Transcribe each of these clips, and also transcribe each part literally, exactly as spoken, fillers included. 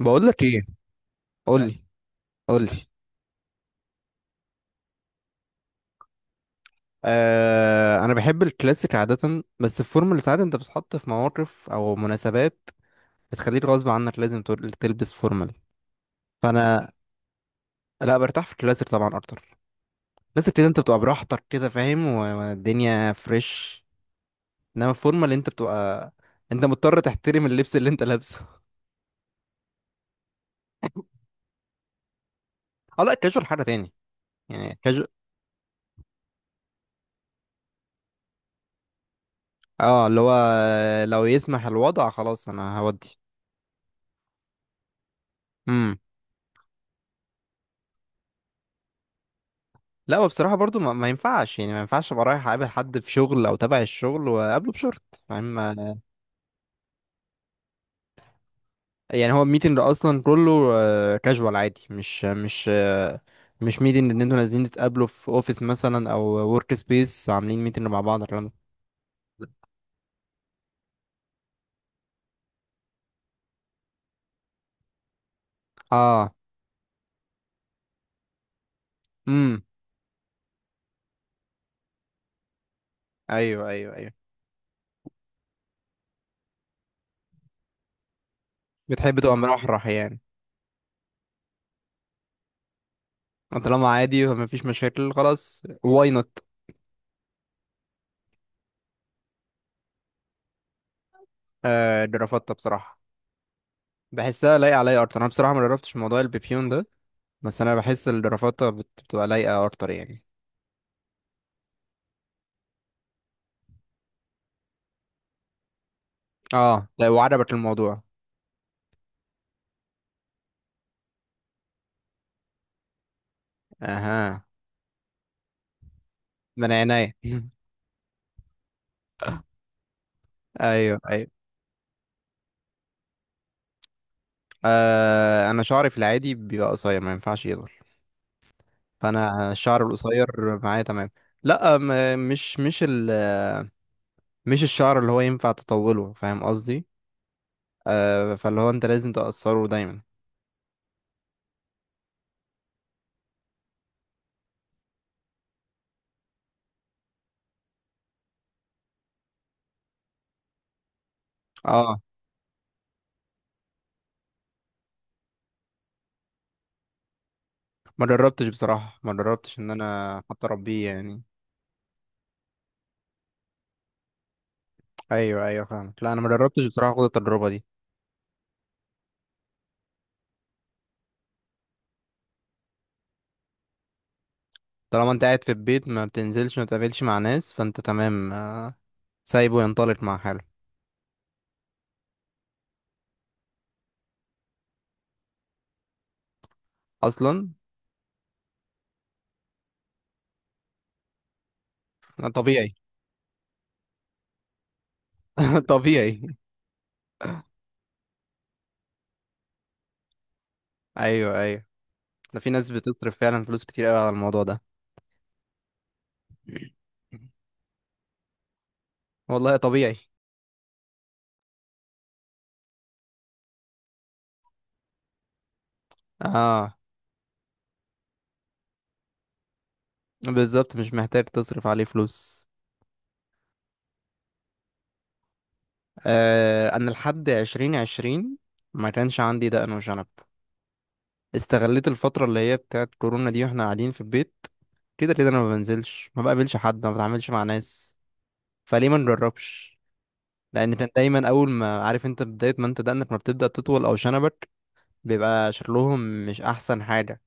بقول لك ايه؟ قول لي، قول لي. آه، انا بحب الكلاسيك عاده، بس الفورمال ساعات انت بتتحط في مواقف او مناسبات بتخليك غصب عنك لازم تل- تلبس فورمال. فانا لا، برتاح في الكلاسيك طبعا اكتر. الكلاسيك كده انت بتبقى براحتك، كده فاهم، و- والدنيا فريش. انما الفورمال انت بتبقى، انت مضطر تحترم اللبس اللي انت لابسه. اه، لا، الكاجوال حاجه تاني. يعني الكاجوال اه، اللي هو لو يسمح الوضع خلاص انا هودي. لا، هو بصراحة برضو ما, ما ينفعش، يعني ما ينفعش ابقى رايح اقابل حد في شغل او تبع الشغل واقابله بشورت. فاهم ما- يعني هو الميتنج ده اصلا كله كاجوال عادي، مش مش آه، مش ميتنج ان انتوا نازلين تتقابلوا في اوفيس مثلا او ورك سبيس عاملين ميتنج مع بعض الكلام ده. اه. امم. ايوه، ايوه، ايوه، بتحب تبقى مرحرح يعني. طالما عادي وما فيش مشاكل خلاص، واي نوت. آه، دي رفضتها بصراحة، بحسها لايقة عليا اكتر. انا بصراحة ما جربتش موضوع البيبيون ده، بس انا بحس الرفاطة بت- بتبقى لايقة اكتر يعني. اه، لا، وعجبك الموضوع. اها. من عينيا ايوه، ايوه. آه، انا شعري في العادي بيبقى قصير، ما ينفعش يطول. فانا الشعر القصير معايا تمام. لا، م- مش مش ال مش الشعر اللي هو ينفع تطوله، فاهم قصدي؟ آه، فاللي هو انت لازم تقصره دايما. اه، ما جربتش بصراحة، ما جربتش ان انا حتى اربيه يعني. ايوه، ايوه، فاهمك. لا، انا ما جربتش بصراحة، خد التجربة دي. طالما انت قاعد في البيت، ما بتنزلش، ما بتقابلش مع ناس، فانت تمام. آه، سايبه ينطلق مع حاله. اصلا. آه، طبيعي. طبيعي. ايوه، ايوه، ده في ناس بتصرف فعلا فلوس كتير قوي على الموضوع ده. والله طبيعي. اه، بالظبط، مش محتاج تصرف عليه فلوس. آه، انا لحد عشرين عشرين ما كانش عندي دقن وشنب. استغليت الفترة اللي هي بتاعت كورونا دي، واحنا قاعدين في البيت، كده كده انا ما بنزلش، ما بقابلش حد، ما بتعاملش مع ناس، فليه ما نجربش؟ لان كان دايما اول ما عارف انت بدايه ما انت دقنك ما بتبدا تطول او شنبك، بيبقى شكلهم مش احسن حاجه،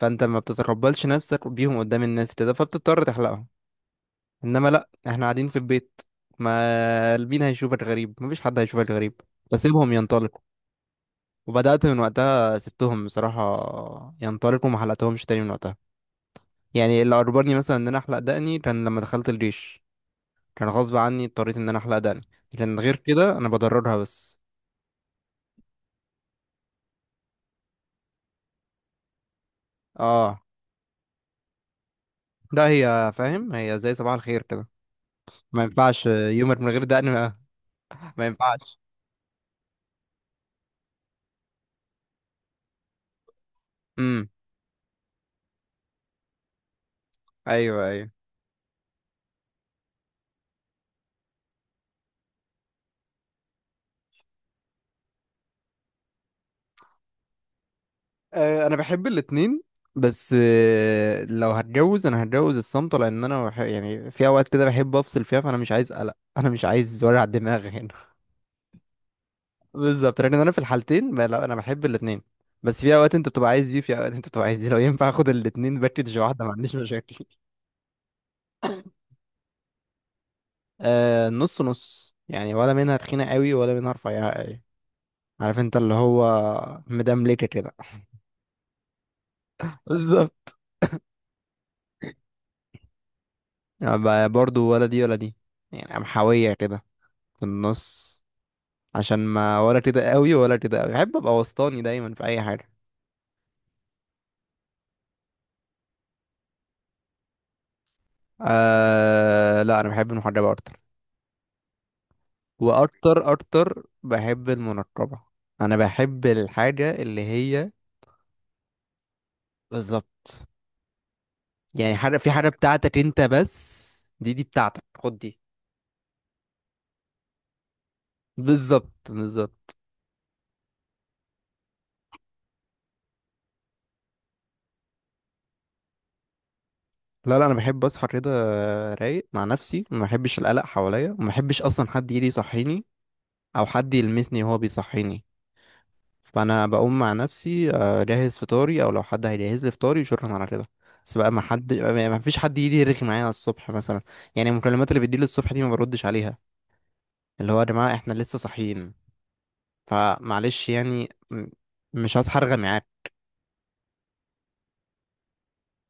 فانت ما بتتقبلش نفسك بيهم قدام الناس كده، فبتضطر تحلقهم. انما لا، احنا قاعدين في البيت، ما مين هيشوفك غريب، مفيش حد هيشوفك غريب، فسيبهم ينطلقوا. وبدات من وقتها، سبتهم بصراحه ينطلقوا، ما حلقتهمش تاني من وقتها. يعني اللي اجبرني مثلا ان انا احلق دقني كان لما دخلت الجيش. كان غصب عني، اضطريت ان انا احلق دقني، لكن غير كده انا بضررها بس. اه، ده هي فاهم، هي زي صباح الخير كده، ما ينفعش يومر من غير دقن ما ينفعش. امم. ايوه، ايوه. أه، انا بحب الاتنين، بس آه، لو هتجوز انا هتجوز الصمت، لان انا بح... يعني في اوقات كده بحب افصل فيها، فانا مش عايز قلق، انا مش عايز ورع دماغي هنا بالظبط، لان انا في الحالتين ب- لا، انا بحب الاتنين، بس في اوقات انت بتبقى عايز دي، وفي اوقات انت بتبقى عايز دي، لو ينفع اخد الاتنين باكج واحده ما عنديش مشاكل. أه، نص نص يعني، ولا منها تخينه قوي ولا منها رفيعه قوي. عارف انت اللي هو، مدملكة كده. بالظبط. ب- برضو ولا دي ولا دي، يعني محاوية كده، في النص، عشان ما ولا كده قوي ولا كده قوي، بحب ابقى وسطاني دايما في اي حاجة. آه، لا انا بحب المحجبة اكتر، واكتر اكتر بحب المنقبة. انا بحب الحاجة اللي هي. بالظبط. يعني حاجة في حاجة بتاعتك انت بس، دي دي بتاعتك، خد دي. بالظبط، بالظبط. لا، لا، انا بحب اصحى كده رايق مع نفسي، ما بحبش القلق حواليا، وما بحبش اصلا حد يجي يصحيني او حد يلمسني وهو بيصحيني. فانا بقوم مع نفسي، آه، اجهز فطاري، او لو حد هيجهز لي فطاري شكرا على كده، بس بقى ما حد ما فيش حد يجي يرغي معايا على الصبح مثلا. يعني المكالمات اللي بتجيلي الصبح دي ما بردش عليها. اللي هو يا جماعه احنا لسه صاحيين، فمعلش يعني، م- مش هصحى ارغي معاك.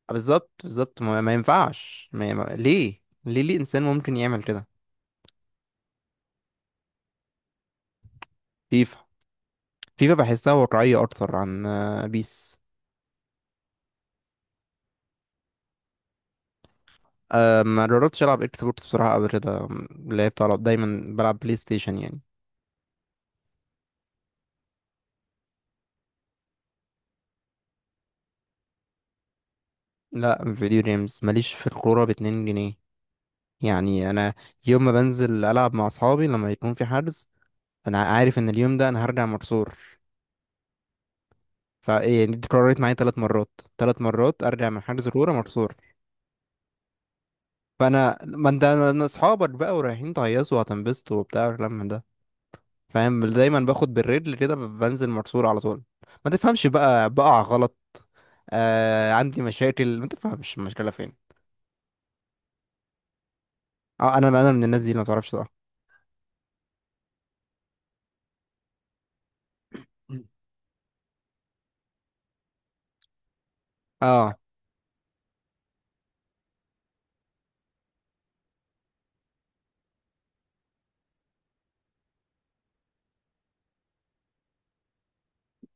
بالظبط، بالظبط، ما, ما ينفعش، ما... ما... ليه ليه ليه انسان ممكن يعمل كده؟ فيفا بحسها واقعية أكتر عن آه، بيس. أه، ما جربتش ألعب إكس بوكس بصراحة، قبل كده لعبت على، دايما بلعب بلاي ستيشن يعني. لا، فيديو جيمز، ماليش في الكورة باتنين جنيه. يعني أنا، يوم ما بنزل ألعب مع أصحابي، لما يكون في حجز، أنا عارف إن اليوم ده أنا هرجع مكسور. فإيه يعني، دي اتكررت معايا تلات مرات تلات مرات أرجع من حجز كورة مكسور. فأنا، ما أنت أنا- أصحابك بقى ورايحين تهيصوا وهتنبسطوا وبتاع الكلام ده. فاهم؟ دايما باخد بالرجل كده، ب- بنزل مرسول على طول. ما تفهمش بقى، بقع غلط. آه، عندي مشاكل ما تفهمش المشكله فين. اه، انا انا من الناس دي اللي ما تعرفش تقع. مم. اه،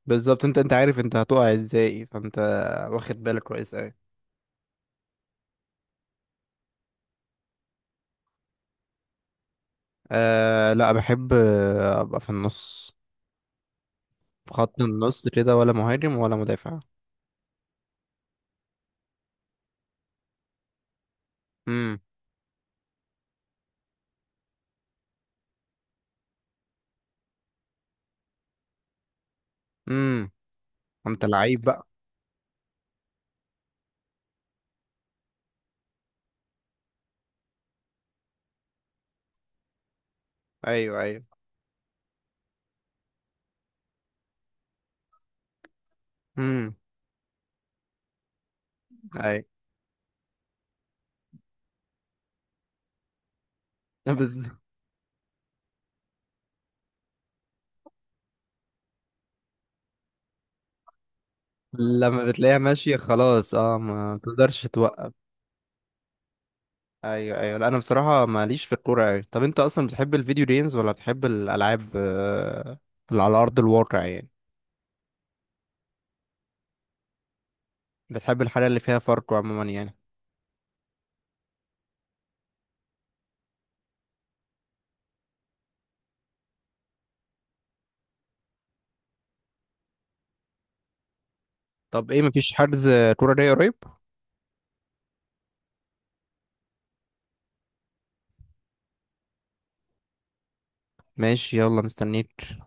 بالظبط، انت انت عارف انت هتقع ازاي، فانت واخد بالك كويس اوي. آه، لا بحب آه، ابقى في النص، في خط النص كده، ولا مهاجم ولا مدافع. امم. امم. انت لعيب بقى؟ ايوه، ايوه. امم. ايوه. بز... لما بتلاقيها ماشيه خلاص، اه ما تقدرش توقف. ايوه، ايوه. لا، انا بصراحه ماليش في الكوره أوي. طب انت اصلا بتحب الفيديو جيمز ولا بتحب الالعاب آه، اللي على ارض الواقع يعني؟ بتحب الحاجه اللي فيها فرق عموما يعني. طب ايه، مفيش حجز كوره جاي قريب؟ ماشي، يلا مستنيك.